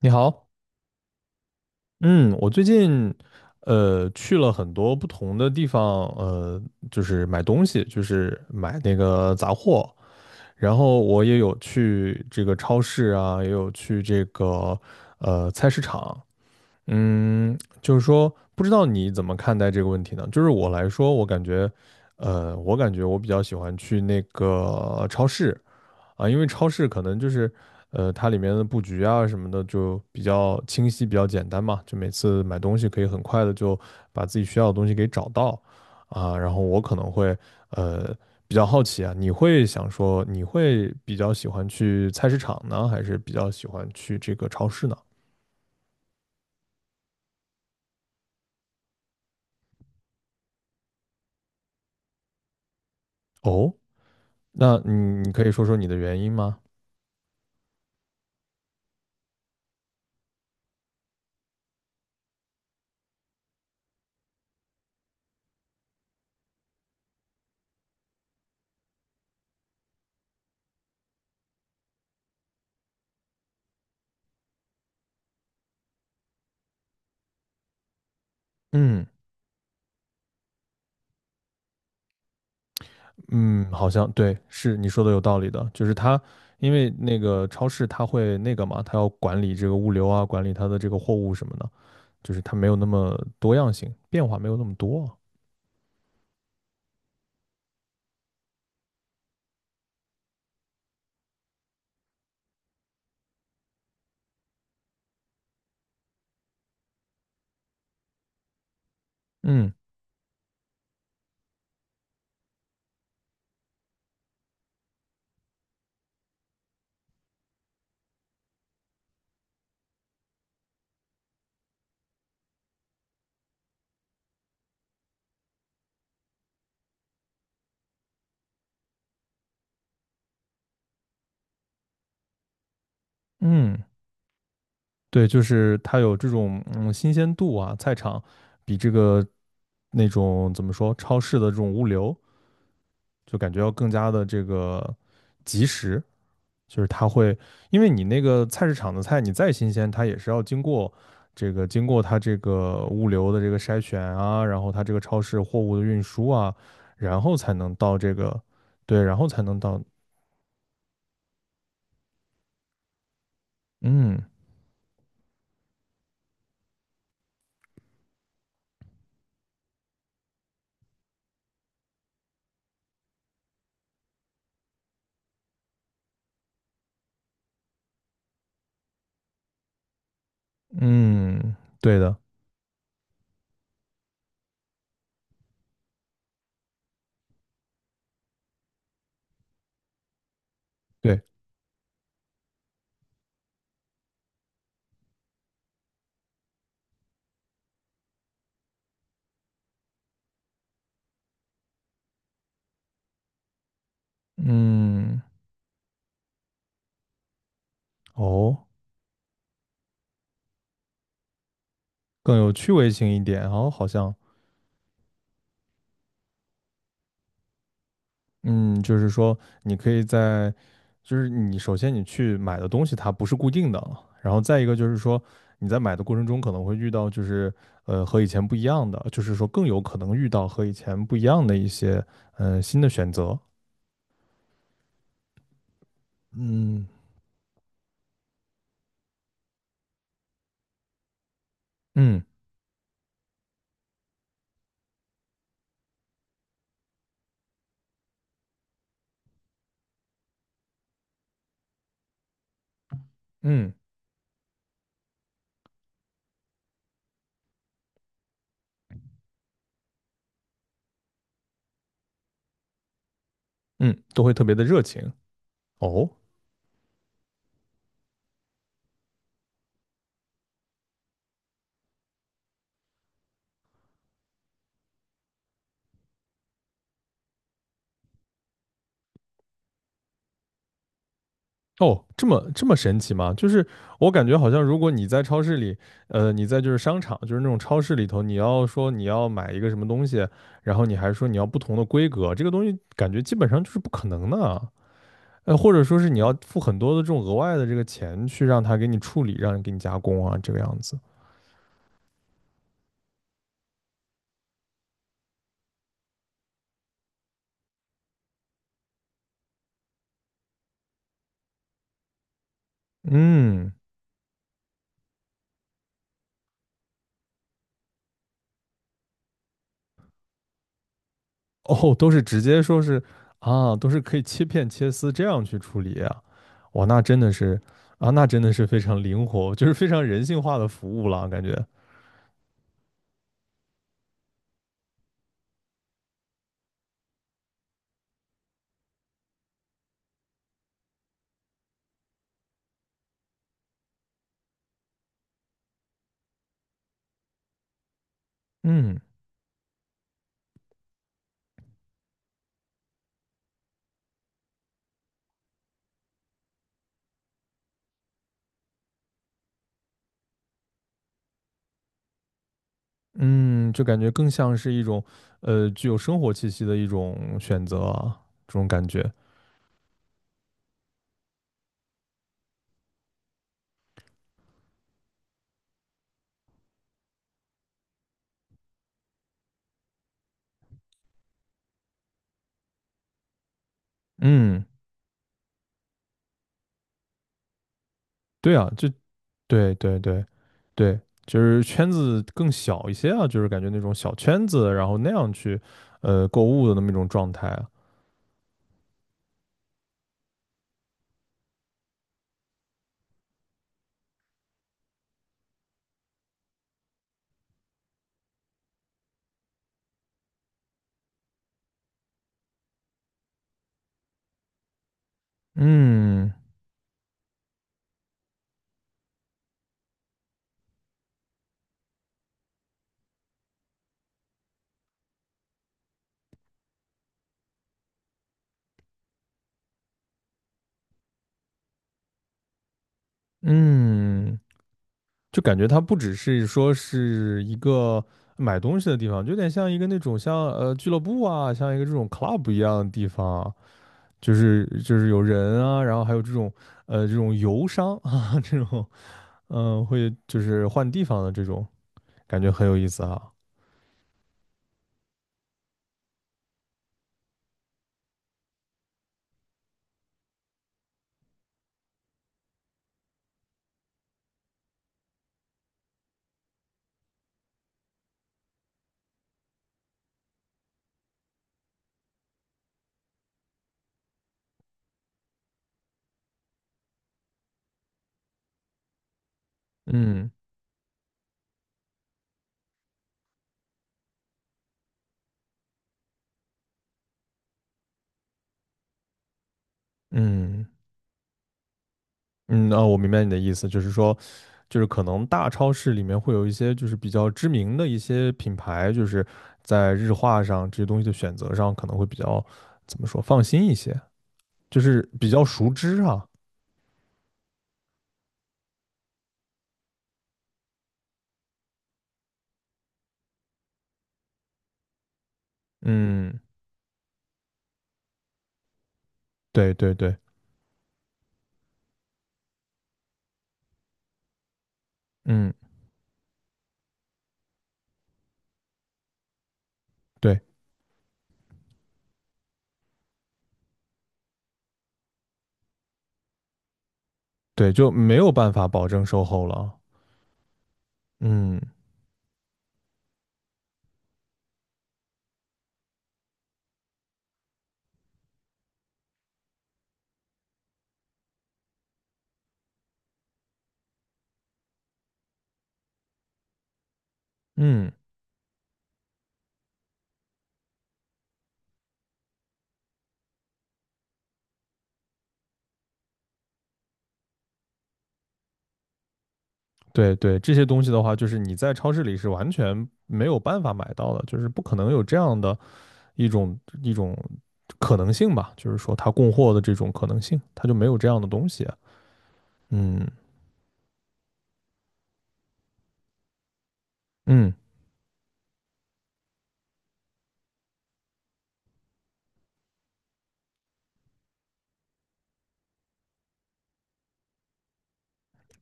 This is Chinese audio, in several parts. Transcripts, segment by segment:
你好。嗯，我最近去了很多不同的地方，就是买东西，就是买那个杂货。然后我也有去这个超市啊，也有去这个菜市场。就是说不知道你怎么看待这个问题呢？就是我来说，我感觉我比较喜欢去那个超市。啊，因为超市可能就是，它里面的布局啊什么的就比较清晰，比较简单嘛，就每次买东西可以很快的就把自己需要的东西给找到。啊，然后我可能会，呃，比较好奇啊。你会比较喜欢去菜市场呢，还是比较喜欢去这个超市呢？哦，那你可以说说你的原因吗？嗯嗯，好像对，是你说的有道理的。就是它，因为那个超市它会那个嘛，它要管理这个物流啊，管理它的这个货物什么的，就是它没有那么多样性，变化没有那么多。嗯嗯。对，就是它有这种新鲜度啊，菜场比这个那种怎么说超市的这种物流，就感觉要更加的这个及时。就是它会，因为你那个菜市场的菜，你再新鲜，它也是要经过这个经过它这个物流的这个筛选啊，然后它这个超市货物的运输啊，然后才能到这个。对，然后才能到。嗯嗯，对的，对，嗯，哦。更有趣味性一点，然后好像，嗯，就是说你可以在，就是你首先你去买的东西它不是固定的，然后再一个就是说你在买的过程中可能会遇到就是和以前不一样的，就是说更有可能遇到和以前不一样的一些新的选择。嗯嗯嗯嗯，都会特别的热情哦。哦，这么神奇吗？就是我感觉好像，如果你在超市里，你在就是商场，就是那种超市里头，你要说你要买一个什么东西，然后你还说你要不同的规格，这个东西感觉基本上就是不可能的啊。或者说是你要付很多的这种额外的这个钱去让他给你处理，让你给你加工啊，这个样子。嗯，哦，都是直接说是啊，都是可以切片切丝这样去处理啊。哇，那真的是非常灵活，就是非常人性化的服务了，感觉。嗯嗯，就感觉更像是一种具有生活气息的一种选择啊，这种感觉。嗯，对啊，就对对对对，就是圈子更小一些啊，就是感觉那种小圈子，然后那样去购物的那么一种状态啊。嗯嗯。就感觉它不只是说是一个买东西的地方，就有点像一个那种像俱乐部啊，像一个这种 club 一样的地方，就是有人啊，然后还有这种游商啊，这种会就是换地方的这种感觉很有意思啊。嗯嗯嗯，那我明白你的意思，就是说，就是可能大超市里面会有一些就是比较知名的一些品牌，就是在日化上这些东西的选择上可能会比较怎么说放心一些，就是比较熟知啊。嗯，对对对，嗯对对，就没有办法保证售后了。嗯嗯，对对，这些东西的话，就是你在超市里是完全没有办法买到的，就是不可能有这样的。一种可能性吧，就是说它供货的这种可能性，它就没有这样的东西啊。嗯嗯，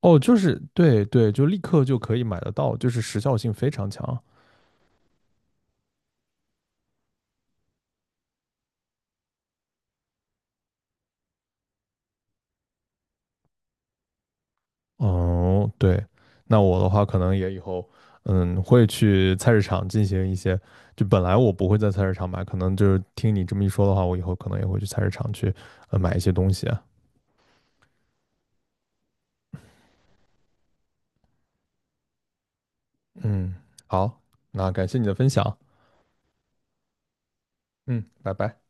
哦，就是对对，就立刻就可以买得到，就是时效性非常强。哦，对，那我的话可能也以后会去菜市场进行一些，就本来我不会在菜市场买，可能就是听你这么一说的话，我以后可能也会去菜市场去买一些东西啊。嗯，好，那感谢你的分享。嗯，拜拜。